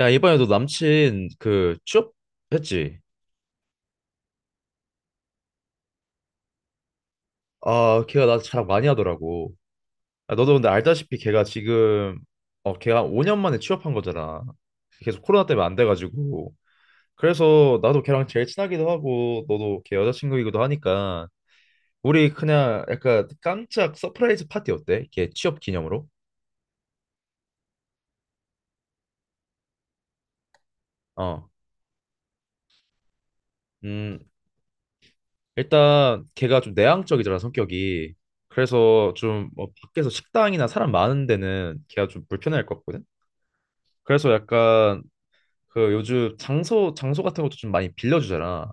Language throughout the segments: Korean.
야, 이번에 너 남친 취업했지? 아, 걔가 나 자랑 많이 하더라고. 아, 너도 근데 알다시피 걔가 지금 걔가 5년 만에 취업한 거잖아. 계속 코로나 때문에 안 돼가지고. 그래서 나도 걔랑 제일 친하기도 하고 너도 걔 여자친구이기도 하니까 우리 그냥 약간 깜짝 서프라이즈 파티 어때? 걔 취업 기념으로? 어. 음, 일단 걔가 좀 내향적이잖아, 성격이. 그래서 좀뭐 밖에서 식당이나 사람 많은 데는 걔가 좀 불편할 것 같거든? 그래서 약간 그 요즘 장소 같은 것도 좀 많이 빌려주잖아.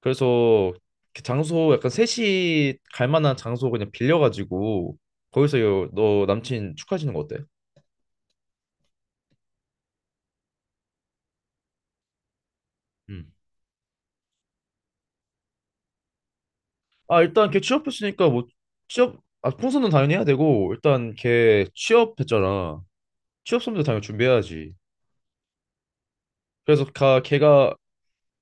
그래서 그 장소 약간 셋이 갈 만한 장소 그냥 빌려가지고 거기서 너 남친 축하해주는 거 어때? 음. 아 일단 걔 취업했으니까 뭐 취업 아 풍선은 당연히 해야 되고 일단 걔 취업했잖아. 취업 선물도 당연히 준비해야지. 그래서 가 걔가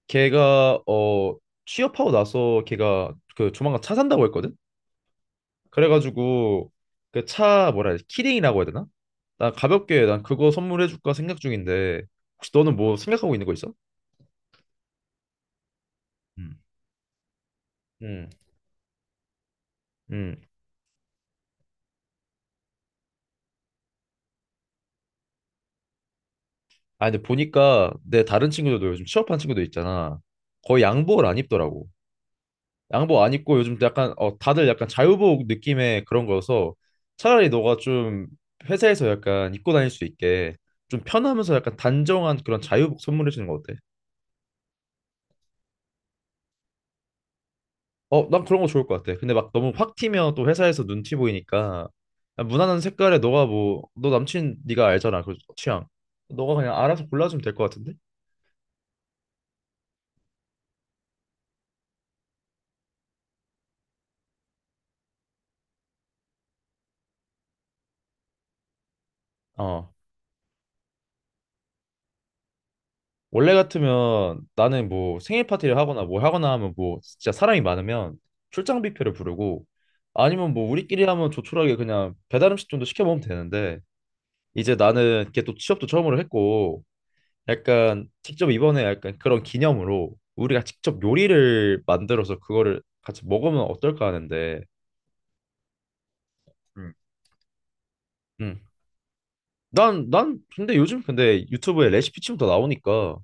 걔가 취업하고 나서 걔가 그 조만간 차 산다고 했거든. 그래가지고 그 차 뭐라 해야 되지? 키링이라고 해야 되나? 나 가볍게 난 그거 선물해줄까 생각 중인데 혹시 너는 뭐 생각하고 있는 거 있어? 음. 음, 음. 아 근데 보니까 내 다른 친구들도 요즘 취업한 친구들 있잖아. 거의 양복을 안 입더라고. 양복 안 입고 요즘 약간 다들 약간 자유복 느낌의 그런 거여서 차라리 너가 좀 회사에서 약간 입고 다닐 수 있게 좀 편하면서 약간 단정한 그런 자유복 선물해 주는 거 어때? 어, 난 그런 거 좋을 것 같아. 근데 막 너무 확 튀면 또 회사에서 눈치 보이니까 그냥 무난한 색깔에 너가 뭐 너 남친 네가 알잖아 그 취향. 너가 그냥 알아서 골라주면 될 것 같은데? 어. 원래 같으면 나는 뭐 생일 파티를 하거나 뭐 하거나 하면 뭐 진짜 사람이 많으면 출장 뷔페를 부르고 아니면 뭐 우리끼리 하면 조촐하게 그냥 배달 음식 정도 시켜 먹으면 되는데 이제 나는 이게 또 취업도 처음으로 했고 약간 직접 이번에 약간 그런 기념으로 우리가 직접 요리를 만들어서 그거를 같이 먹으면 어떨까 하는데 음. 음. 난, 난 근데 요즘 근데 유튜브에 레시피 치면 다 나오니까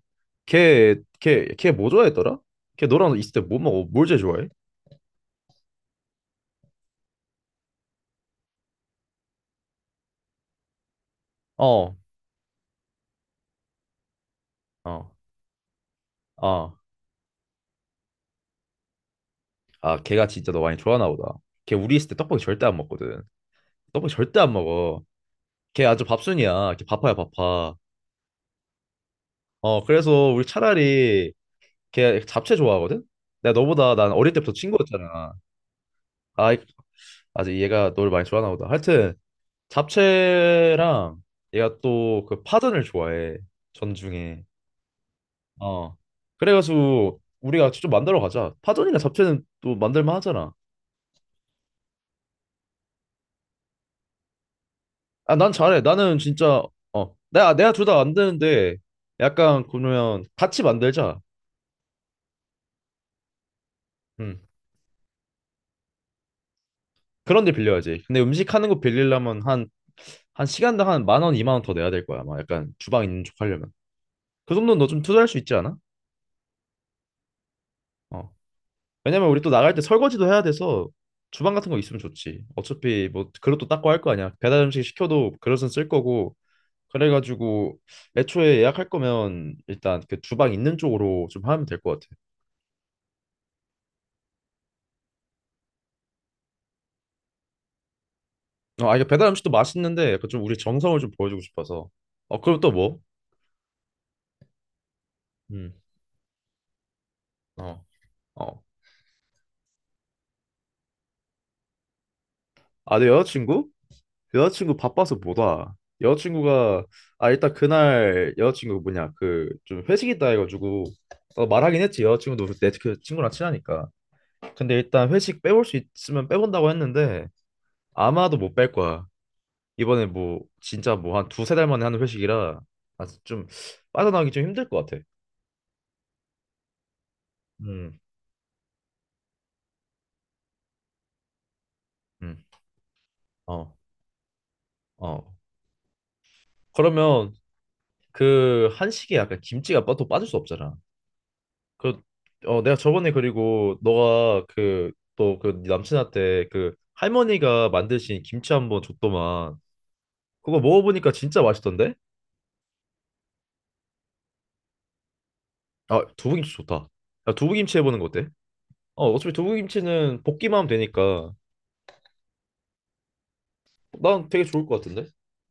걔 뭐 좋아했더라? 걔 너랑 있을 때 뭐 먹어? 뭘 제일 좋아해? 어, 어, 어. 아, 걔가 진짜 너 많이 좋아하나 보다. 걔 우리 있을 때 떡볶이 절대 안 먹거든. 떡볶이 절대 안 먹어. 걔 아주 밥순이야. 걔 바빠야 바빠. 어, 그래서 우리 차라리 걔 잡채 좋아하거든? 내가 너보다 난 어릴 때부터 친구였잖아. 아, 아직 얘가 너를 많이 좋아하나 보다. 하여튼 잡채랑 얘가 또 그 파전을 좋아해. 전중에. 어. 그래가지고 우리가 직접 만들어 가자. 파전이나 잡채는 또 만들만 하잖아. 아, 난 잘해. 나는 진짜 어. 내가 둘 다 만드는데 약간 그러면 같이 만들자. 음. 그런 데 빌려야지. 근데 음식 하는 거 빌리려면 한 시간당 한 10,000원, 20,000원 더 내야 될 거야. 막 약간 주방 있는 쪽 하려면. 그 정도는 너 좀 투자할 수 있지 않아? 어. 왜냐면 우리 또 나갈 때 설거지도 해야 돼서 주방 같은 거 있으면 좋지. 어차피 뭐 그릇도 닦고 할 거 아니야. 배달 음식 시켜도 그릇은 쓸 거고. 그래가지고 애초에 예약할 거면 일단 그 주방 있는 쪽으로 좀 하면 될 것 같아. 어, 아 이게 배달 음식도 맛있는데 약간 좀 우리 정성을 좀 보여주고 싶어서. 어 그럼 또 뭐? 음. 어. 어. 아 내 여자친구? 여자친구 바빠서 못 와. 여자친구가 아 일단 그날 여자친구 뭐냐 그 좀 회식 있다 해가지고 어, 말하긴 했지 여자친구도 내 그 친구랑 친하니까. 근데 일단 회식 빼올 수 있으면 빼본다고 했는데 아마도 못 뺄 거야. 이번에 뭐 진짜 뭐 한 두세 달 만에 하는 회식이라 아, 좀 빠져나가기 좀 힘들 것 같아. 음, 음, 어, 어. 그러면 그 한식에 약간 김치가 또 빠질 수 없잖아. 그, 어, 내가 저번에 그리고 너가 그, 또 그 남친한테 그 할머니가 만드신 김치 한번 줬더만. 그거 먹어보니까 진짜 맛있던데? 아, 두부김치 좋다. 야, 두부김치 해보는 거 어때? 어, 어차피 두부김치는 볶기만 하면 되니까. 난 되게 좋을 것 같은데?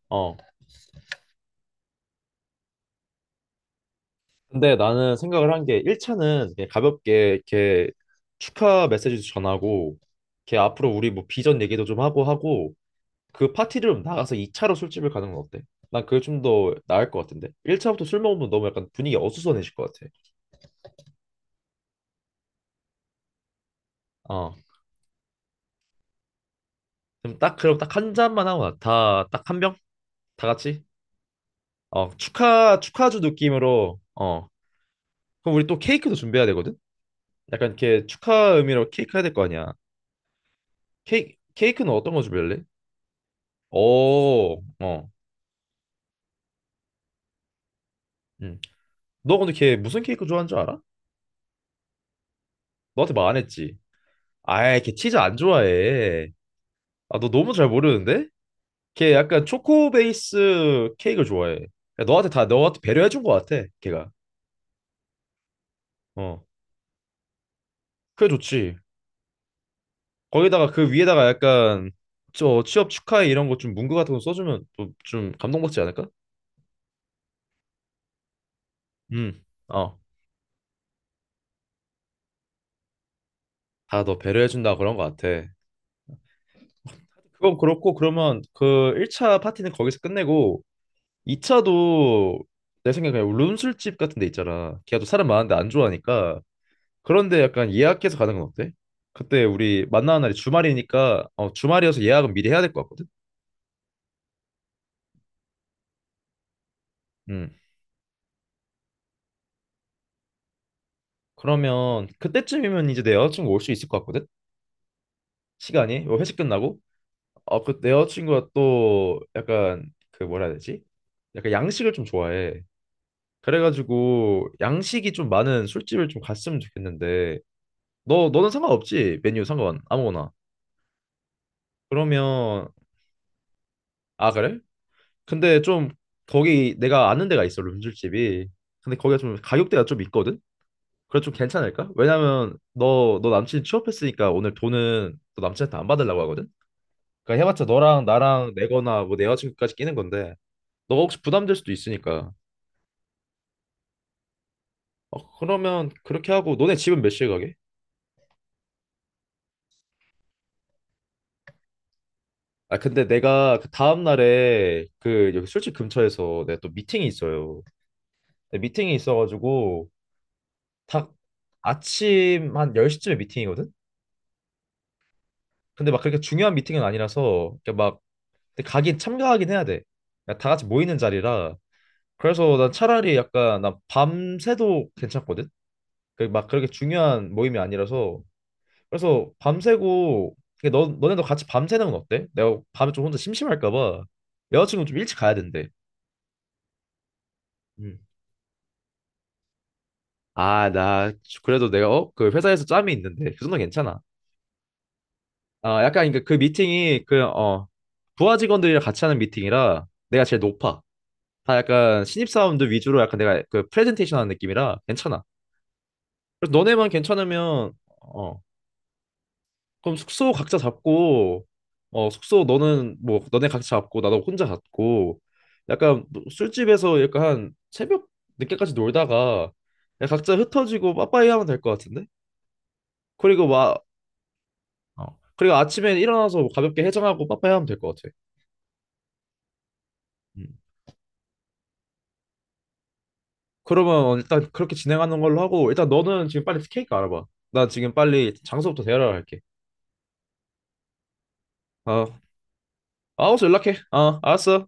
어. 근데 나는 생각을 한 게 1차는 그냥 가볍게 이렇게 축하 메시지도 전하고, 걔 앞으로 우리 뭐 비전 얘기도 좀 하고 하고, 그 파티룸 나가서 2차로 술집을 가는 건 어때? 난 그게 좀 더 나을 것 같은데. 1차부터 술 먹으면 너무 약간 분위기 어수선해질 것 같아. 어. 그럼 딱 한 잔만 하고 다딱 한 병? 다 같이? 어, 축하주 느낌으로 어. 그럼 우리 또 케이크도 준비해야 되거든. 약간 이렇게 축하 의미로 케이크 해야 될 거 아니야. 케이크는 어떤 거 준비할래? 오. 어. 응. 너 근데 걔 무슨 케이크 좋아하는 줄 알아? 너한테 말 안 했지. 아이, 걔 치즈 안 좋아해. 아, 너 너무 잘 모르는데? 걔 약간 초코 베이스 케이크를 좋아해. 그러니까 너한테 다 너한테 배려해 준 것 같아, 걔가. 어, 그게 좋지. 거기다가 그 위에다가 약간 저 취업 축하해 이런 거 좀 문구 같은 거 써주면 또 좀 감동받지 않을까? 음, 어, 다 너 배려해 준다 그런 것 같아. 그건 그렇고 그러면 그 1차 파티는 거기서 끝내고 2차도 내 생각에 그냥 룸술집 같은 데 있잖아. 걔가 또 사람 많은데 안 좋아하니까 그런데 약간 예약해서 가는 건 어때? 그때 우리 만나는 날이 주말이니까 어, 주말이어서 예약은 미리 해야 될 것 같거든. 음. 그러면 그때쯤이면 이제 내 여자친구 올 수 있을 것 같거든. 시간이 요 회식 끝나고. 어, 그 내 여자친구가 또 약간 그 뭐라 해야 되지? 약간 양식을 좀 좋아해. 그래가지고 양식이 좀 많은 술집을 좀 갔으면 좋겠는데 너 너는 상관없지? 메뉴 상관 아무거나. 그러면 아 그래? 근데 좀 거기 내가 아는 데가 있어 룸술집이. 근데 거기가 좀 가격대가 좀 있거든. 그래 좀 괜찮을까? 왜냐면 너 남친 취업했으니까 오늘 돈은 너 남친한테 안 받으려고 하거든. 그러니까 해봤자 너랑 나랑 내거나 뭐 내 여자친구까지 끼는 건데 너가 혹시 부담될 수도 있으니까. 어, 그러면 그렇게 하고 너네 집은 몇 시에 가게? 아 근데 내가 그 다음 날에 그 여기 술집 근처에서 내가 또 미팅이 있어요. 근데 미팅이 있어가지고 딱 아침 한 10시쯤에 미팅이거든? 근데 막 그렇게 중요한 미팅은 아니라서 이렇게 막 근데 가긴 참가하긴 해야 돼. 그다 같이 모이는 자리라. 그래서 난 차라리 약간 난 밤새도 괜찮거든. 그막 그렇게 중요한 모임이 아니라서 그래서 밤새고 이게 너 너네도 같이 밤새는 건 어때? 내가 밤에 좀 혼자 심심할까 봐 여자친구 좀 일찍 가야 된대. 음. 아, 나 그래도 내가 어? 그 회사에서 짬이 있는데 그 정도 는 괜찮아. 아, 약간 그러니까 그 미팅이 그어 부하 직원들이랑 같이 하는 미팅이라 내가 제일 높아. 다 약간 신입사원들 위주로 약간 내가 그 프레젠테이션 하는 느낌이라 괜찮아. 그래서 너네만 괜찮으면 어 그럼 숙소 각자 잡고 어 숙소 너는 뭐 너네 각자 잡고 나도 혼자 잡고 약간 뭐 술집에서 약간 한 새벽 늦게까지 놀다가 그냥 각자 흩어지고 빠빠이 하면 될 것 같은데? 그리고 막 어, 그리고 아침에 일어나서 뭐 가볍게 해장하고 빠빠이 하면 될 것 같아. 음. 그러면 일단 그렇게 진행하는 걸로 하고 일단 너는 지금 빨리 케이크 알아봐. 나 지금 빨리 장소부터 대여를 할게. 아, 알았어 연락해. 어, 알았어.